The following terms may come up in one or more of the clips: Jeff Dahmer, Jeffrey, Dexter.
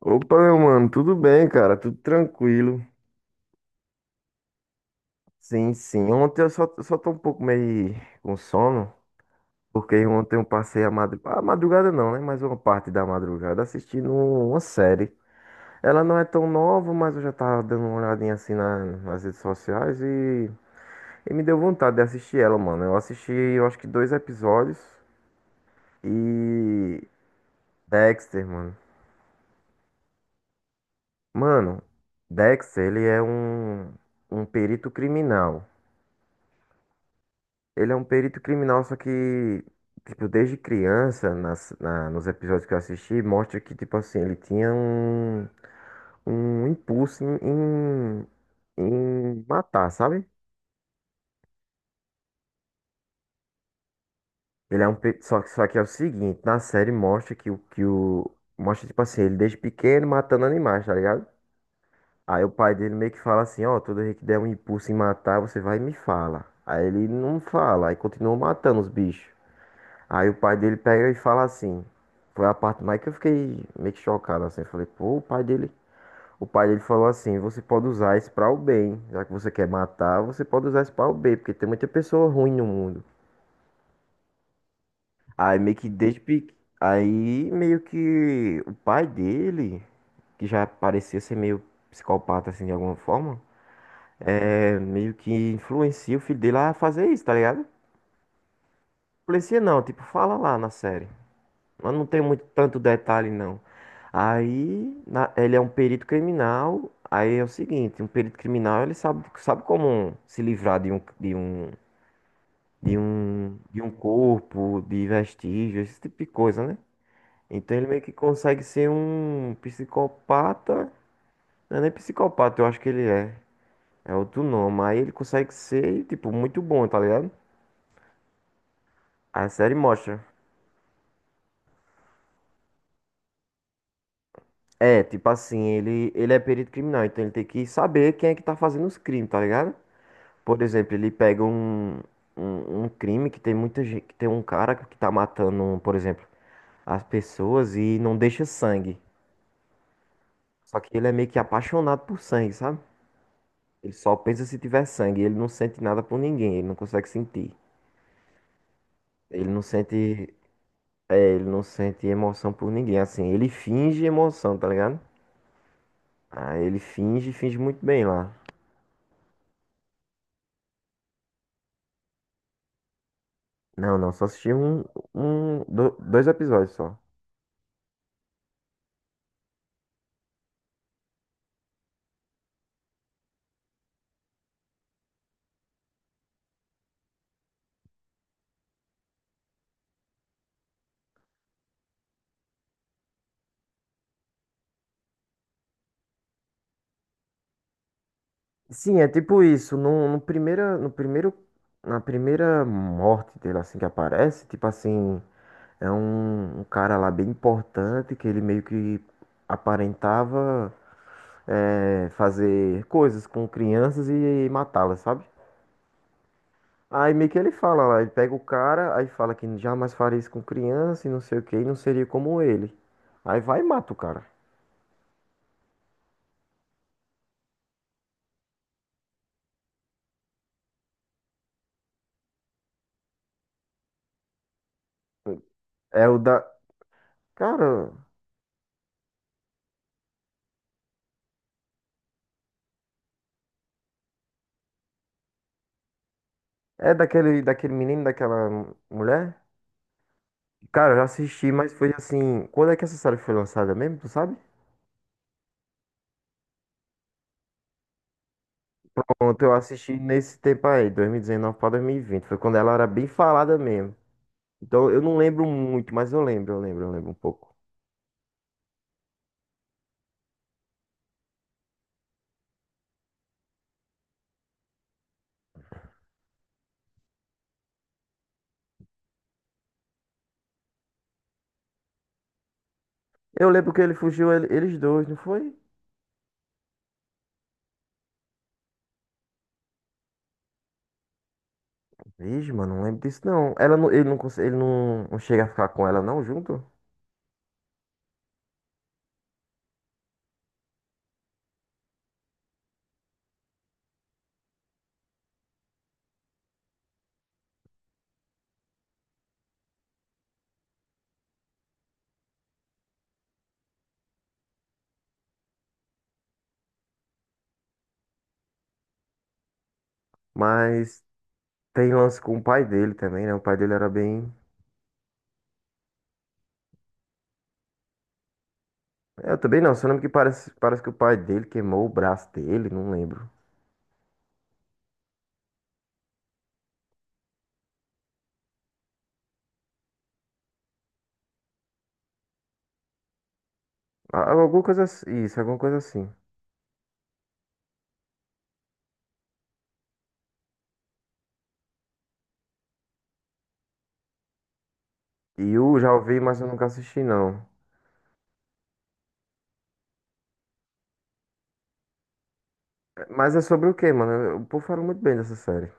Opa, meu mano, tudo bem, cara? Tudo tranquilo. Sim, sim. Ontem eu só tô um pouco meio com sono, porque ontem eu passei a madrugada não, né? Mas uma parte da madrugada assistindo uma série. Ela não é tão nova, mas eu já tava dando uma olhadinha assim nas redes sociais e me deu vontade de assistir ela, mano. Eu assisti, eu acho que dois episódios e Dexter, mano. Mano, Dexter, ele é um perito criminal. Ele é um perito criminal, só que, tipo, desde criança, nos episódios que eu assisti, mostra que, tipo assim, ele tinha um impulso em matar, sabe? Ele é um, só que é o seguinte, na série mostra mostra, tipo assim, ele desde pequeno matando animais, tá ligado? Aí o pai dele meio que fala assim, ó, toda vez que der um impulso em matar, você vai e me fala. Aí ele não fala, aí continua matando os bichos. Aí o pai dele pega e fala assim. Foi a parte mais que eu fiquei meio que chocado assim. Eu falei, pô, o pai dele. O pai dele falou assim: você pode usar isso para o bem. Já que você quer matar, você pode usar isso para o bem, porque tem muita pessoa ruim no mundo. Aí meio que desde pequeno. Aí meio que o pai dele, que já parecia ser meio psicopata assim de alguma forma, é meio que influencia o filho dele a fazer isso, tá ligado? Influencia não, tipo, fala lá na série. Mas não tem muito tanto detalhe, não. Aí, ele é um perito criminal. Aí é o seguinte, um perito criminal, ele sabe como se livrar de de um corpo, de vestígios, esse tipo de coisa, né? Então ele meio que consegue ser um psicopata. Não é nem psicopata, eu acho que ele é. É outro nome. Aí ele consegue ser, tipo, muito bom, tá ligado? A série mostra. É, tipo assim, ele é perito criminal, então ele tem que saber quem é que tá fazendo os crimes, tá ligado? Por exemplo, ele pega um crime que tem muita gente, que tem um cara que tá matando, por exemplo, as pessoas e não deixa sangue. Só que ele é meio que apaixonado por sangue, sabe? Ele só pensa se tiver sangue, ele não sente nada por ninguém, ele não consegue sentir. Ele não sente, é, ele não sente emoção por ninguém, assim, ele finge emoção, tá ligado? Ah, ele finge, finge muito bem lá. Não, não, só assisti dois episódios só. Sim, é tipo isso. No, no primeira, no primeiro, na primeira morte dele, assim, que aparece, tipo assim, é um cara lá bem importante que ele meio que aparentava é, fazer coisas com crianças e matá-las, sabe? Aí meio que ele fala lá, ele pega o cara, aí fala que jamais faria isso com criança e não sei o que, e não seria como ele. Aí vai e mata o cara. É o da. Cara, é daquele menino, daquela mulher? Cara, eu já assisti, mas foi assim. Quando é que essa série foi lançada mesmo? Tu sabe? Pronto, eu assisti nesse tempo aí, 2019 pra 2020. Foi quando ela era bem falada mesmo. Então eu não lembro muito, mas eu lembro um pouco. Eu lembro que ele fugiu, eles dois, não foi? Vixe, mano, não lembro disso não. Ela não, ele não, não chega a ficar com ela não junto, mas tem lance com o pai dele também, né? O pai dele era bem. Eu também não, só lembro que parece que o pai dele queimou o braço dele, não lembro. Ah, alguma coisa assim. Isso, alguma coisa assim. E eu já ouvi, mas eu nunca assisti, não. É, mas é sobre o quê, mano? O povo fala muito bem dessa série.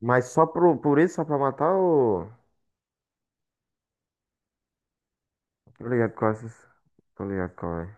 Mas só pro, por isso, só pra matar ou. Tô ligado qual é essas. Tô ligado qual é.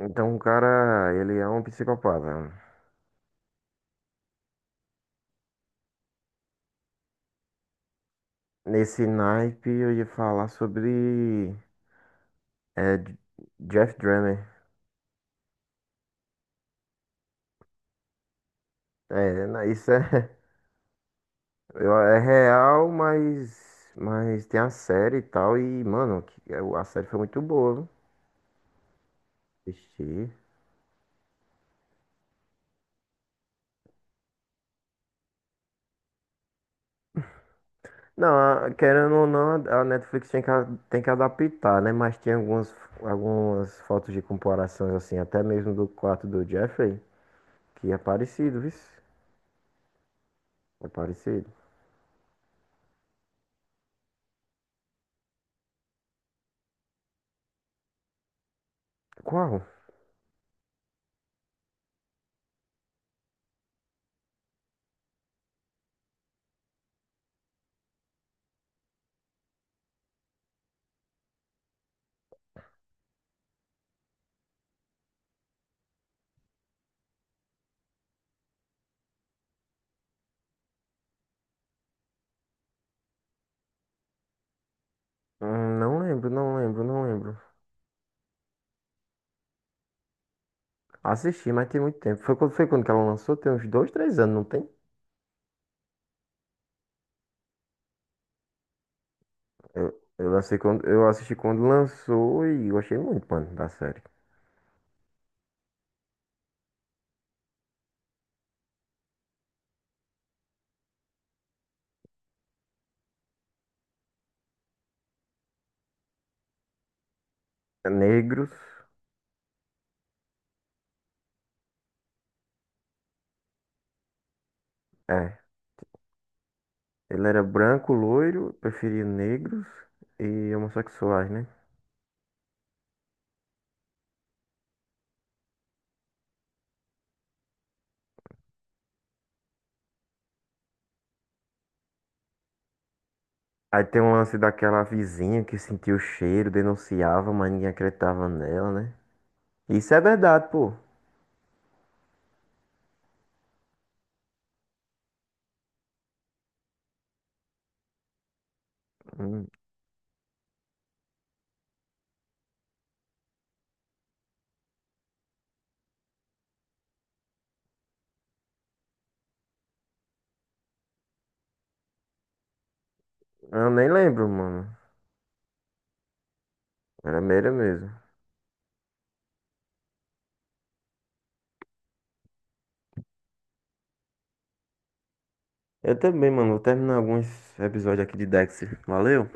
Então o cara, ele é um psicopata. Nesse naipe eu ia falar sobre. É, J- Jeff Dahmer. Isso é. É real, mas. Mas tem a série e tal. E, mano, a série foi muito boa, viu? Assisti. Não, querendo ou não, a Netflix tem que, tem que adaptar, né? Mas tem algumas fotos de comparações, assim, até mesmo do quarto do Jeffrey, que é parecido, viu? É parecido. Qual? Não lembro, não lembro, não lembro. Assisti, mas tem muito tempo. Foi quando que ela lançou? Tem uns dois, três anos, não tem? Eu assisti quando lançou e gostei muito, mano, da série. Negros, é. Ele era branco, loiro, preferia negros e homossexuais, né? Aí tem um lance daquela vizinha que sentiu o cheiro, denunciava, mas ninguém acreditava nela, né? Isso é verdade, pô. Hum, Eu nem lembro, mano. Era meira mesmo. Eu também, mano. Vou terminar alguns episódios aqui de Dexter. Valeu?